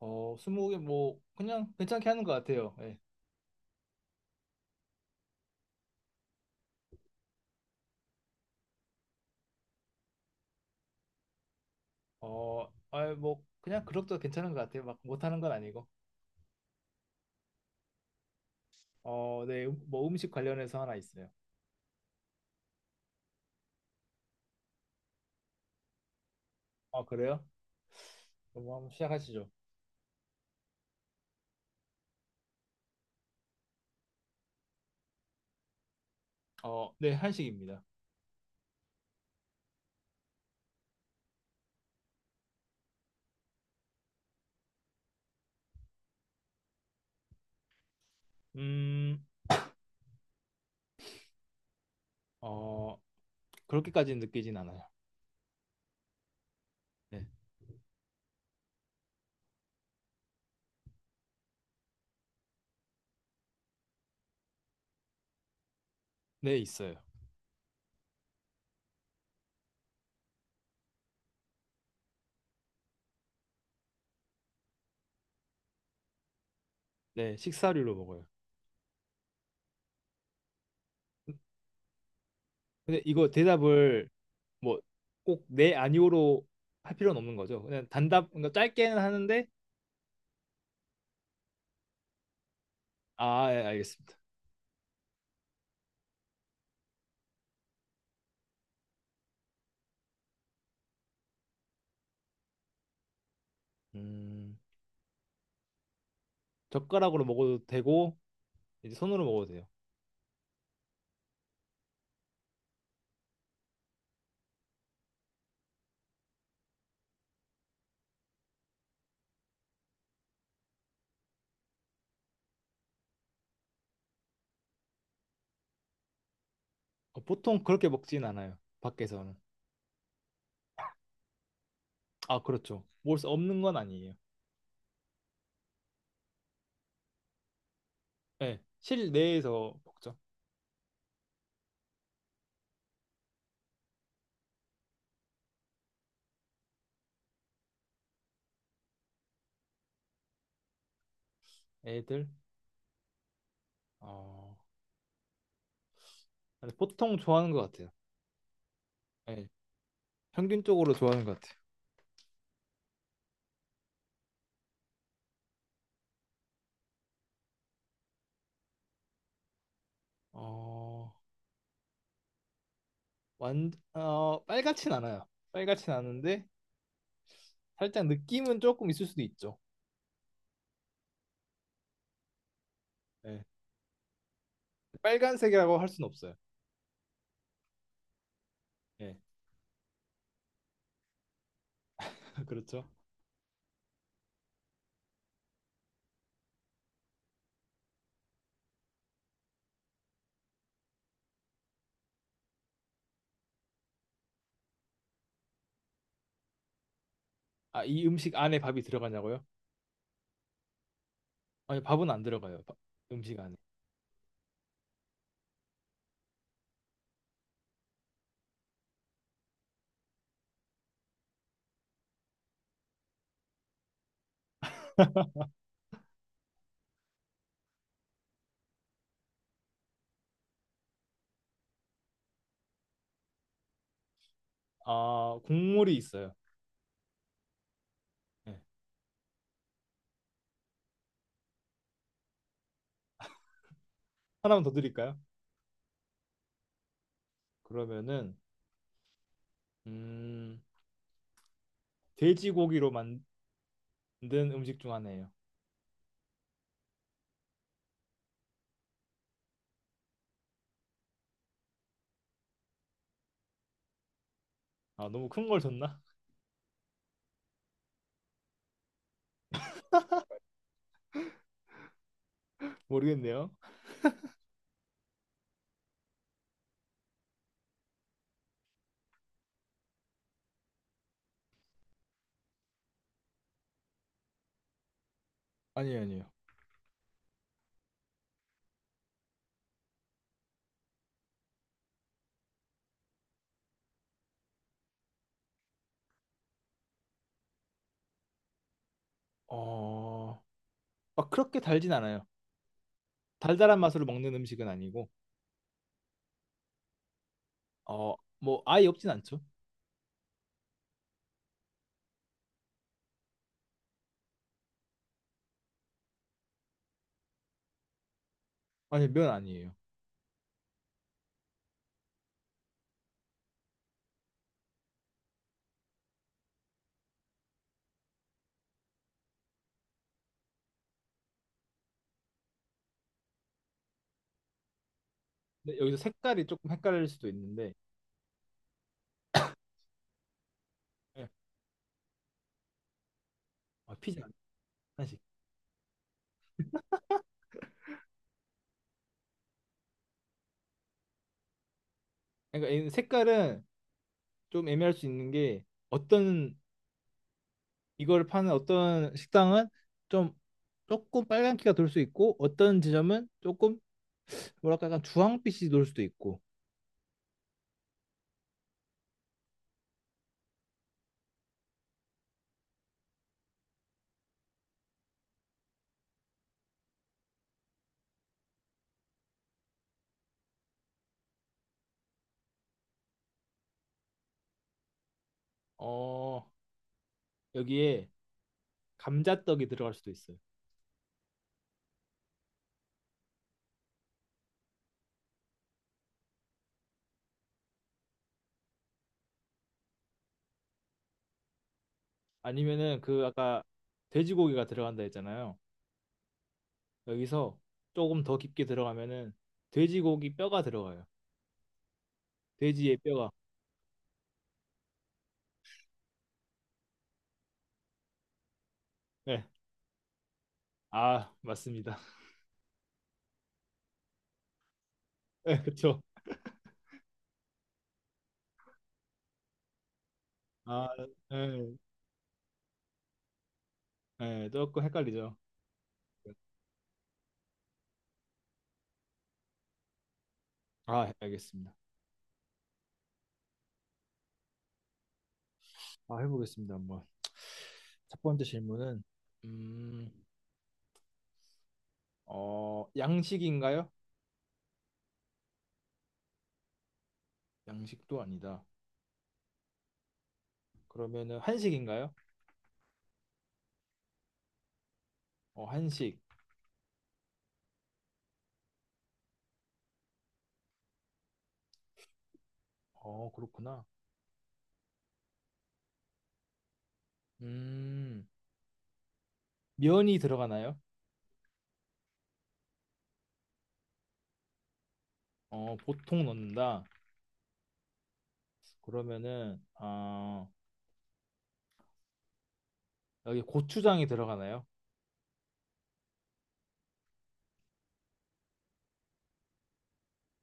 스무고개 뭐 그냥 괜찮게 하는 것 같아요. 예. 어, 뭐 그냥 그럭저럭 괜찮은 것 같아요. 막 못하는 건 아니고. 어, 네, 뭐 음식 관련해서 하나 있어요. 아, 그래요? 그럼 뭐 한번 시작하시죠. 어, 네, 한식입니다. 음, 어, 그렇게까지는 느끼진 않아요. 네, 네, 있어요. 네, 식사류로 먹어요. 근데 이거 대답을 뭐 꼭 네, 아니오로 할 필요는 없는 거죠. 그냥 단답, 그러니까 짧게는 하는데, 아, 예, 알겠습니다. 음. 젓가락으로 먹어도 되고 이제 손으로 먹어도 돼요. 어, 보통 그렇게 먹진 않아요. 밖에서는. 아, 그렇죠. 먹을 수 없는 건 아니에요. 네, 실내에서 먹죠. 애들. 어, 근데 보통 좋아하는 것 같아요. 네, 평균적으로 좋아하는 것 같아요. 어, 빨갛진 않아요. 빨갛진 않은데 살짝 느낌은 조금 있을 수도 있죠. 네, 빨간색이라고 할 수는 없어요. 예, 그렇죠. 아, 이 음식 안에 밥이 들어가냐고요? 아니, 밥은 안 들어가요. 음식 안에. 아, 국물이 있어요. 네. 하나만 더 드릴까요? 그러면은 음, 돼지고기로 만든 음식 중 하나예요. 아, 너무 큰 걸 줬나? 모르겠네요. 아니에요, 아니에요. 어, 막 그렇게 달진 않아요. 달달한 맛으로 먹는 음식은 아니고, 어, 뭐 아예 없진 않죠. 아니, 면 아니에요. 근데 여기서 색깔이 조금 헷갈릴 수도 있는데, 네. 아, 피자 한식. 그러니까 이 색깔은 좀 애매할 수 있는 게 어떤 이걸 파는 어떤 식당은 좀 조금 빨간기가 돌 수 있고 어떤 지점은 조금 뭐랄까 약간 주황빛이 돌 수도 있고 어 여기에 감자떡이 들어갈 수도 있어요. 아니면은 그 아까 돼지고기가 들어간다 했잖아요. 여기서 조금 더 깊게 들어가면은 돼지고기 뼈가 들어가요. 돼지의 뼈가. 네. 아, 맞습니다. 네, 그쵸. 아, 네, 네, 조금 헷갈리죠. 아, 알겠습니다. 아, 해보겠습니다. 한번. 첫 번째 질문은 음, 어, 양식인가요? 양식도 아니다. 그러면은 한식인가요? 어, 한식. 어, 그렇구나. 음, 면이 들어가나요? 어, 보통 넣는다. 그러면은 어, 여기 고추장이 들어가나요?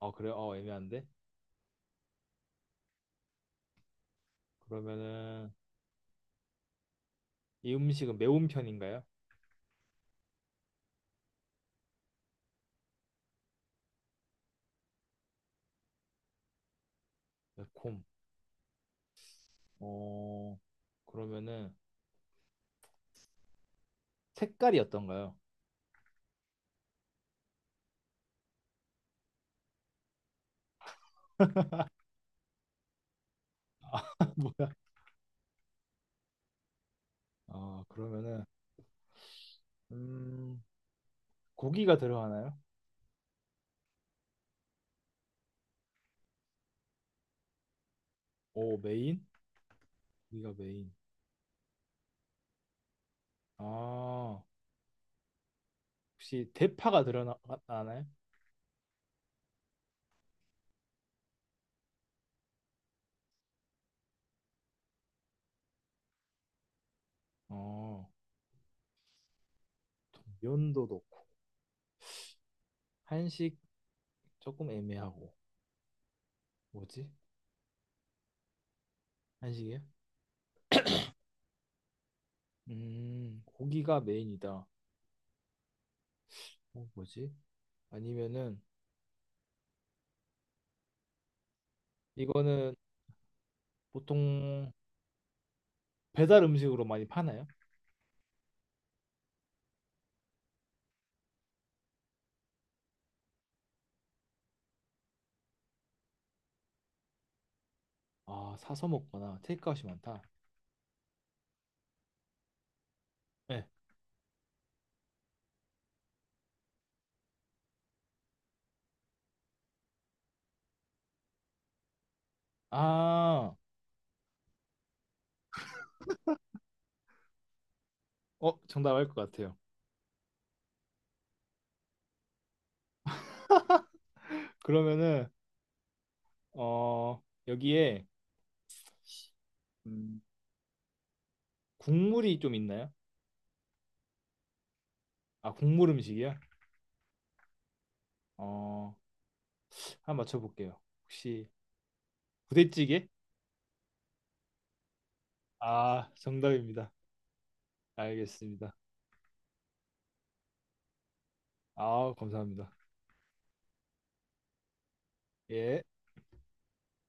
어, 그래요? 어, 애매한데. 그러면은 이 음식은 매운 편인가요? 매콤. 어, 그러면은 색깔이 어떤가요? 뭐야? 어, 그러면은 음, 고기가 들어가나요? 오, 메인? 고기가 메인. 아, 혹시 대파가 들어가나요? 어, 면도 넣고. 한식 조금 애매하고. 뭐지? 한식이요? 고기가 메인이다. 어, 뭐지? 아니면은 이거는 보통 배달 음식으로 많이 파나요? 아, 사서 먹거나 테이크아웃이 많다. 네. 아, 정답 알 것 같아요. 그러면은 어, 여기에 음, 국물이 좀 있나요? 아, 국물 음식이요? 어, 한번 맞춰볼게요. 혹시 부대찌개? 아, 정답입니다. 알겠습니다. 아, 감사합니다. 예.